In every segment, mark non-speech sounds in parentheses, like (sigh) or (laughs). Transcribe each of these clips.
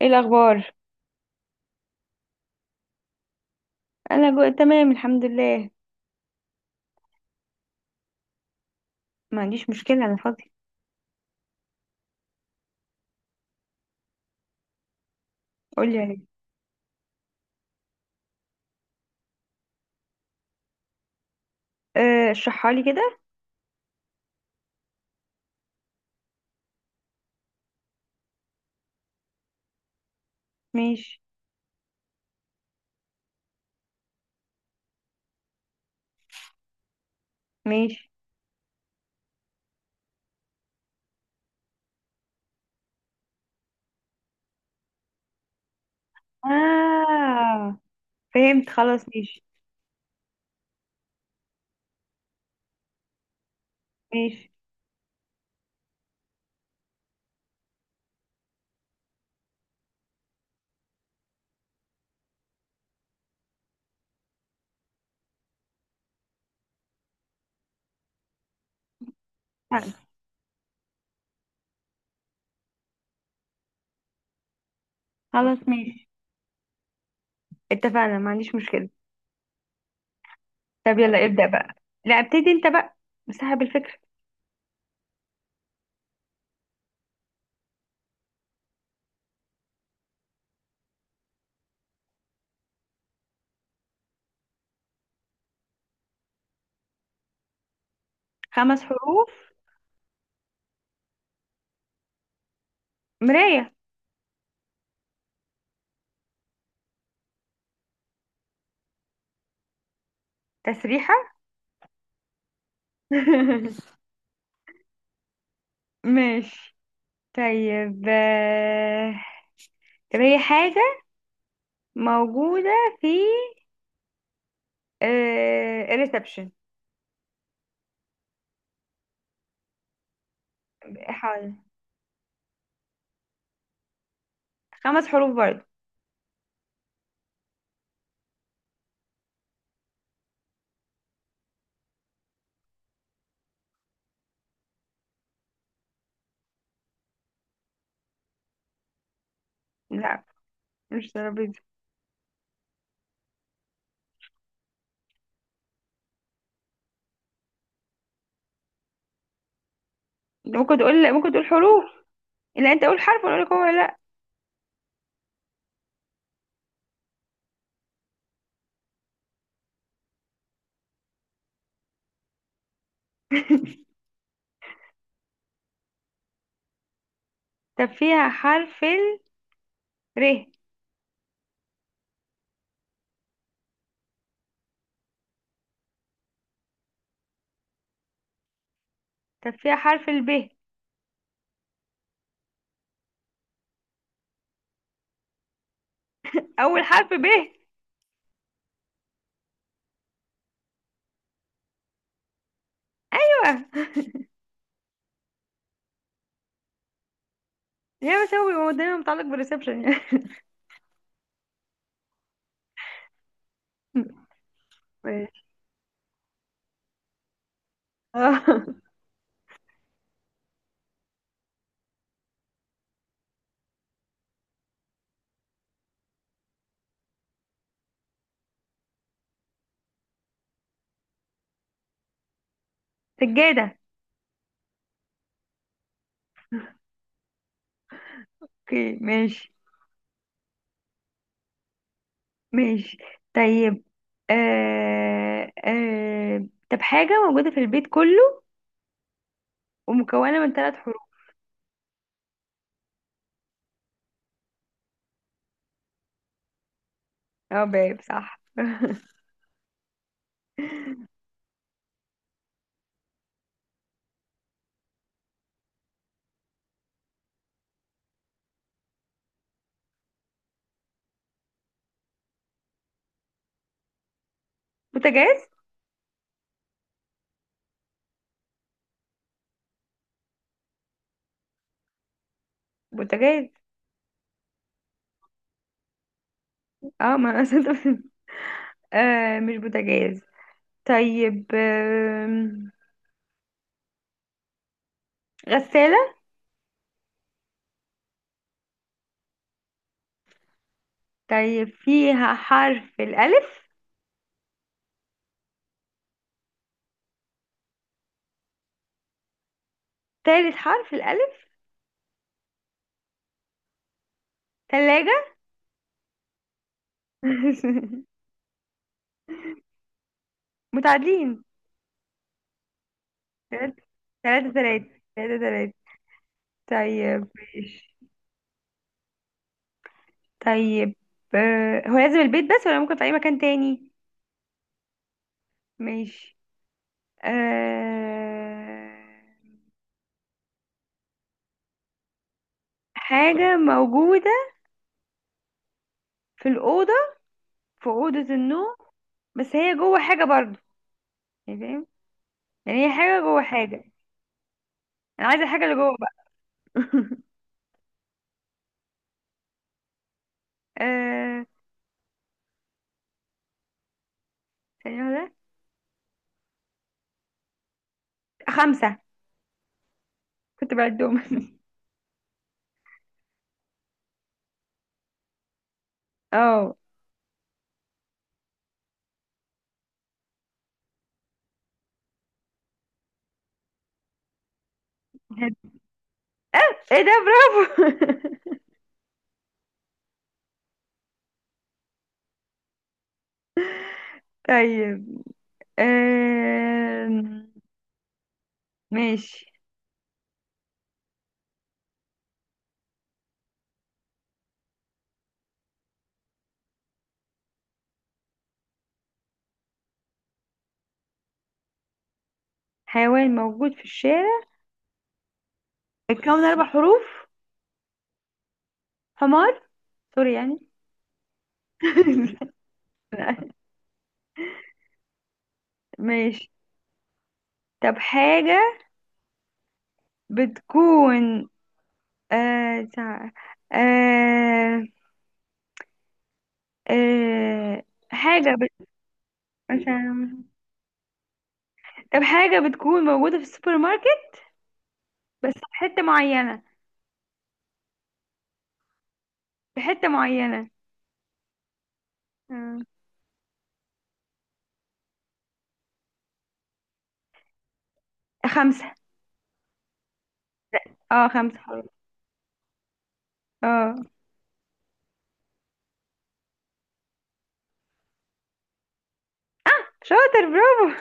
ايه الاخبار؟ انا تمام الحمد لله. ما عنديش مشكله، انا فاضي. قولي عليك. اشرحها لي كده. ماشي. ماشي. اه فهمت، خلاص ماشي. ماشي. فهمت. خلاص ماشي، اتفقنا، ما عنديش مشكله. طب يلا ابدا بقى. لا ابتدي انت بقى، صاحب الفكره. 5 حروف. مرايه. تسريحه. (laughs) ماشي. طيب طب هي حاجه موجوده في الريسبشن. 5 حروف برضه. لا مش ترابيزة. ممكن تقول، ممكن تقول حروف. لا انت قول حرف وانا اقول لك هو ولا لا. (laughs) طب فيها حرف ال ر. طب فيها حرف ال ب. اول حرف ب، ايوه. هي بس هو بيبقى دايما متعلق بالريسبشن يعني. (laughs) ماشي. اه سجادة. اوكي ماشي. ماشي. طيب آه طب حاجة موجودة في البيت كله ومكونة من 3 حروف. اه باب صح. (laughs) بوتاجاز. بوتاجاز. اه ما انا (laughs) أصل، آه مش بوتاجاز. طيب غسالة. طيب فيها حرف الألف. تالت حرف الألف. تلاجة. (laughs) متعادلين. تلاتة تلاتة تلاتة تلاتة تلاتة. طيب ماشي. طيب آه، هو لازم البيت بس ولا ممكن في أي مكان تاني؟ ماشي. آه حاجة موجودة في الأوضة، في أوضة النوم. بس هي جوه حاجة برضو، يعني فاهم، يعني هي حاجة جوه حاجة. أنا عايزة الحاجة اللي جوه. (laughs) آه ثانية واحدة. 5. كنت بعدهم. (laughs) اه هد- آه، ايه ده برافو. (laughs) طيب آه. ماشي. حيوان موجود في الشارع. بيتكون 4 حروف. حمار، سوري يعني. (laughs) ماشي. طب حاجة بتكون آه تع- آه آه حاجة مثلا طب حاجة بتكون موجودة في السوبر ماركت. بس في حتة معينة. في حتة معينة. مم. 5. اه 5. اه شاطر برافو.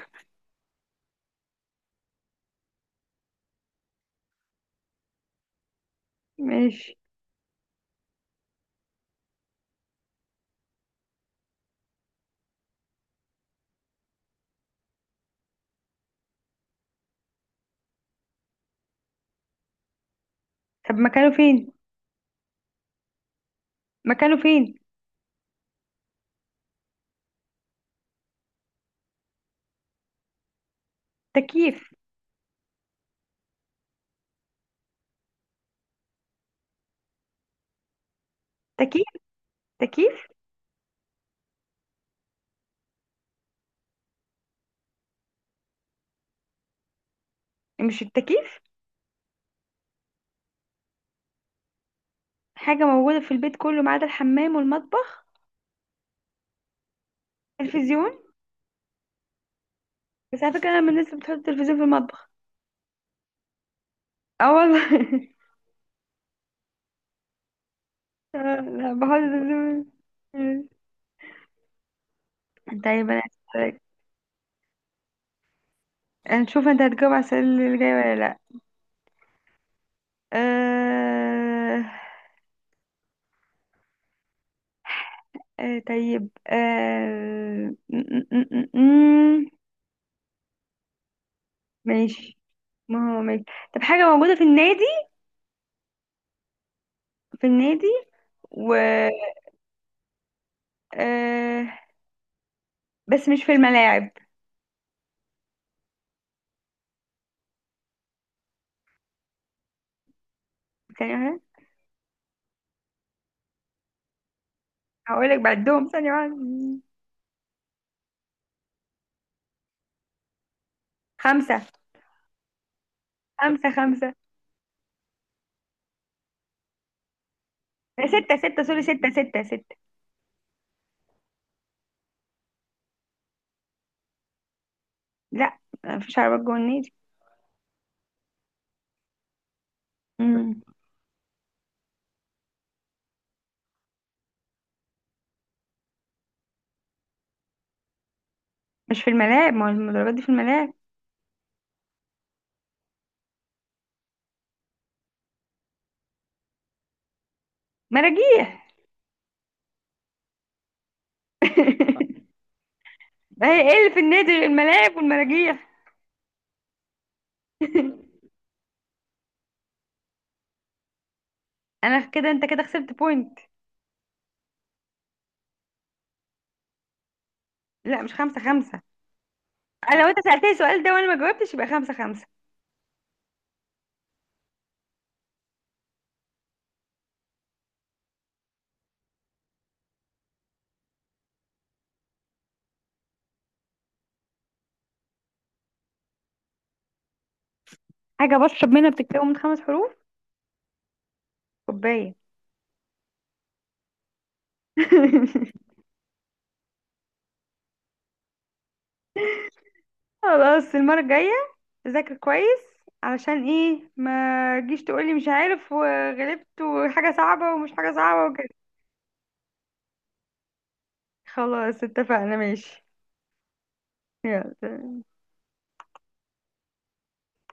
ماشي. طب مكانه فين؟ مكانه فين. تكييف. تكييف. تكييف. مش التكييف. حاجة موجودة في البيت كله ما عدا الحمام والمطبخ. تلفزيون. بس على فكرة أنا من الناس اللي بتحط التلفزيون في المطبخ. اه والله. (laughs) آه، لا بحط التلفزيون. مم. طيب أنا هسألك. نشوف انت هتجاوب على السؤال اللي جاي ولا لا. آه... طيب آه... م- م- م- م- م. ماشي. ما هو ماشي. طب حاجة موجودة في النادي، في النادي و آه... بس مش في الملاعب. ثانية واحدة. هقولك بعدهم ثانية واحدة. 5 5 5. آه، 6 6، سوري، 6 6 6. لا مفيش عربيات جوه النادي. مم. مش في الملاعب، ما هو المدرجات دي في الملاعب. مراجيح. (laughs) ما هي ايه اللي في النادي غير الملاعب والمراجيح؟ (laughs) انا كده، انت كده خسرت بوينت. لا مش 5 5. انا لو انت سألتني السؤال ده وانا ما جاوبتش يبقى 5 5. حاجة بشرب منها بتتكون من 5 حروف. كوباية. (laughs) خلاص المرة الجاية ذاكر كويس. علشان ايه ما تجيش تقولي مش عارف وغلبت وحاجة صعبة ومش حاجة صعبة وكده. خلاص اتفقنا ماشي. يلا.